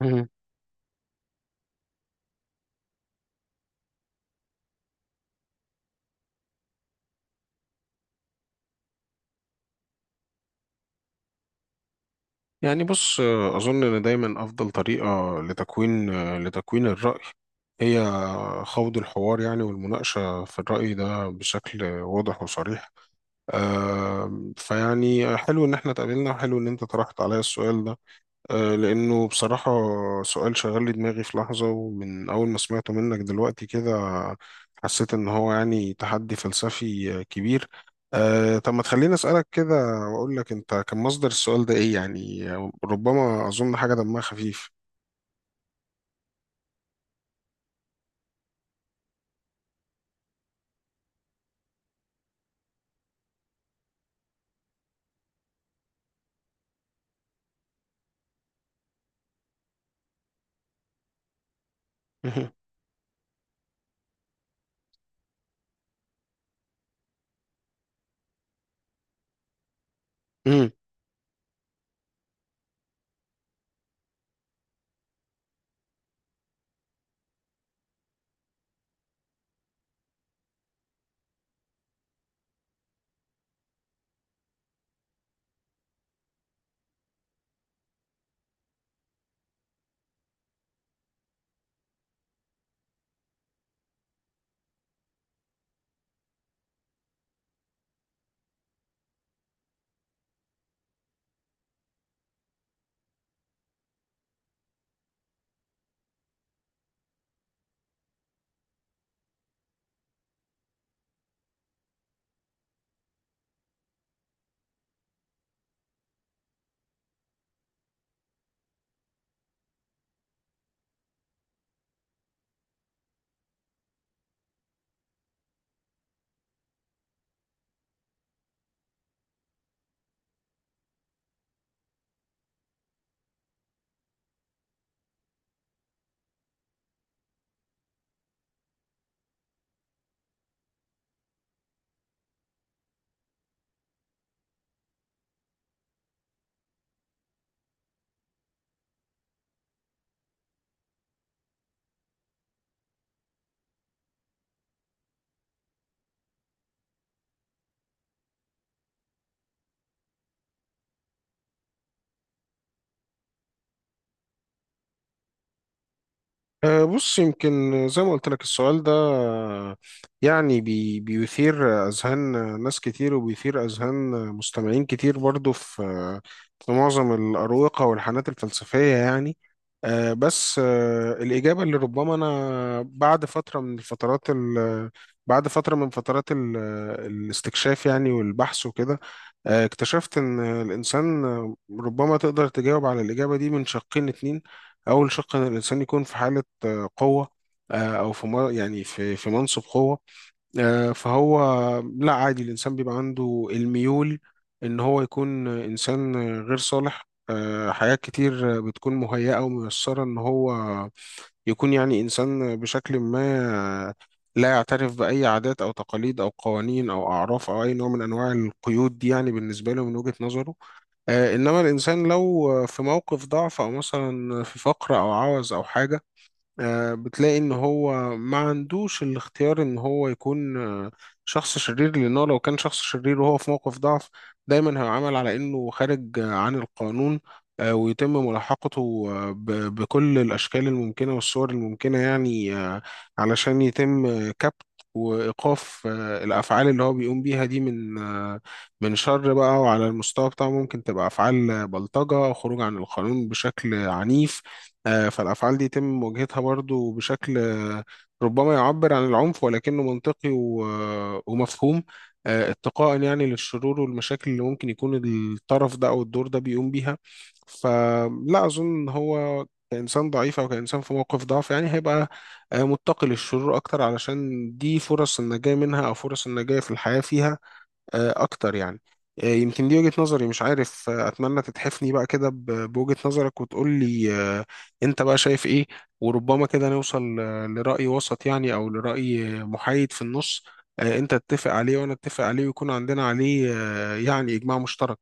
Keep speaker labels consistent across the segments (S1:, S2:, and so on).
S1: مهم. يعني بص أظن إن دايما أفضل طريقة لتكوين لتكوين الرأي هي خوض الحوار يعني والمناقشة في الرأي ده بشكل واضح وصريح. فيعني حلو إن احنا اتقابلنا وحلو إن أنت طرحت عليا السؤال ده لأنه بصراحة سؤال شغل لي دماغي في لحظة، ومن أول ما سمعته منك دلوقتي كده حسيت إن هو يعني تحدي فلسفي كبير. أه، طب ما تخليني أسألك كده وأقول لك أنت كان مصدر السؤال ده إيه يعني؟ ربما أظن حاجة دمها خفيف. أه، بص، يمكن زي ما قلت لك السؤال ده يعني بيثير أذهان ناس كتير، وبيثير أذهان مستمعين كتير برضو في في معظم الأروقة والحانات الفلسفية يعني. أه، بس الإجابة اللي ربما أنا بعد فترة من بعد فترة من فترات الاستكشاف يعني والبحث وكده اكتشفت إن الإنسان ربما تقدر تجاوب على الإجابة دي من شقين اتنين. أول شق إن الإنسان يكون في حالة قوة أو في يعني في منصب قوة. فهو لا، عادي الإنسان بيبقى عنده الميول إن هو يكون إنسان غير صالح. حاجات كتير بتكون مهيئة وميسرة إن هو يكون يعني إنسان بشكل ما لا يعترف بأي عادات أو تقاليد أو قوانين أو أعراف أو أي نوع من أنواع القيود دي، يعني بالنسبة له من وجهة نظره. انما الانسان لو في موقف ضعف، او مثلا في فقر او عوز او حاجه، بتلاقي ان هو ما عندوش الاختيار ان هو يكون شخص شرير، لانه لو كان شخص شرير وهو في موقف ضعف دايما هيعامل على انه خارج عن القانون، ويتم ملاحقته بكل الاشكال الممكنه والصور الممكنه يعني، علشان يتم كبت وإيقاف الأفعال اللي هو بيقوم بيها دي من من شر بقى. وعلى المستوى بتاعه ممكن تبقى أفعال بلطجة، خروج عن القانون بشكل عنيف. فالأفعال دي يتم مواجهتها برضو بشكل ربما يعبر عن العنف ولكنه منطقي ومفهوم، اتقاء يعني للشرور والمشاكل اللي ممكن يكون الطرف ده أو الدور ده بيقوم بيها. فلا أظن إن هو كإنسان ضعيف أو كإنسان في موقف ضعف يعني هيبقى متقي للشرور أكتر، علشان دي فرص النجاة منها أو فرص النجاة في الحياة فيها اكتر يعني. يمكن دي وجهة نظري، مش عارف. اتمنى تتحفني بقى كده بوجهة نظرك وتقول لي انت بقى شايف ايه، وربما كده نوصل لرأي وسط يعني، او لرأي محايد في النص انت تتفق عليه وانا اتفق عليه ويكون عندنا عليه يعني اجماع مشترك.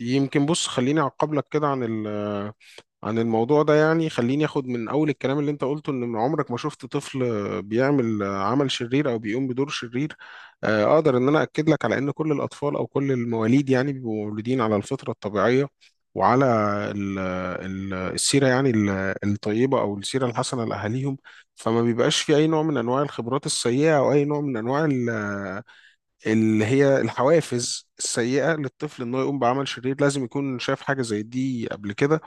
S1: يمكن بص، خليني اعقب لك كده عن عن الموضوع ده. يعني خليني اخد من اول الكلام اللي انت قلته ان عمرك ما شفت طفل بيعمل عمل شرير او بيقوم بدور شرير. اقدر ان انا اكد لك على ان كل الاطفال او كل المواليد يعني بيبقوا مولودين على الفطرة الطبيعية وعلى ال- السيرة يعني الطيبة او السيرة الحسنة لاهاليهم. فما بيبقاش في اي نوع من انواع الخبرات السيئة او اي نوع من انواع اللي هي الحوافز السيئة للطفل. انه يقوم بعمل شرير لازم يكون شاف حاجة زي دي قبل كده.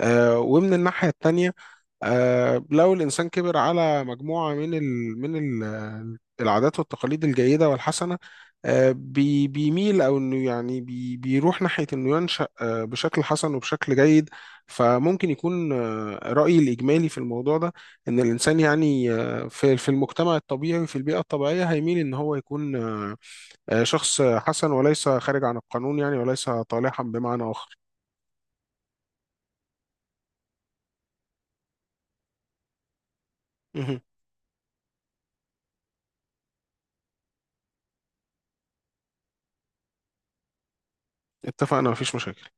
S1: ومن الناحية التانية، لو الإنسان كبر على مجموعة من ال من ال العادات والتقاليد الجيدة والحسنة، بيميل أو إنه يعني بيروح ناحية إنه ينشأ بشكل حسن وبشكل جيد. فممكن يكون رأيي الإجمالي في الموضوع ده إن الإنسان يعني في في المجتمع الطبيعي وفي البيئة الطبيعية هيميل إن هو يكون شخص حسن وليس خارج عن القانون، يعني وليس طالحا بمعنى آخر. مهم. اتفقنا، مفيش مشاكل.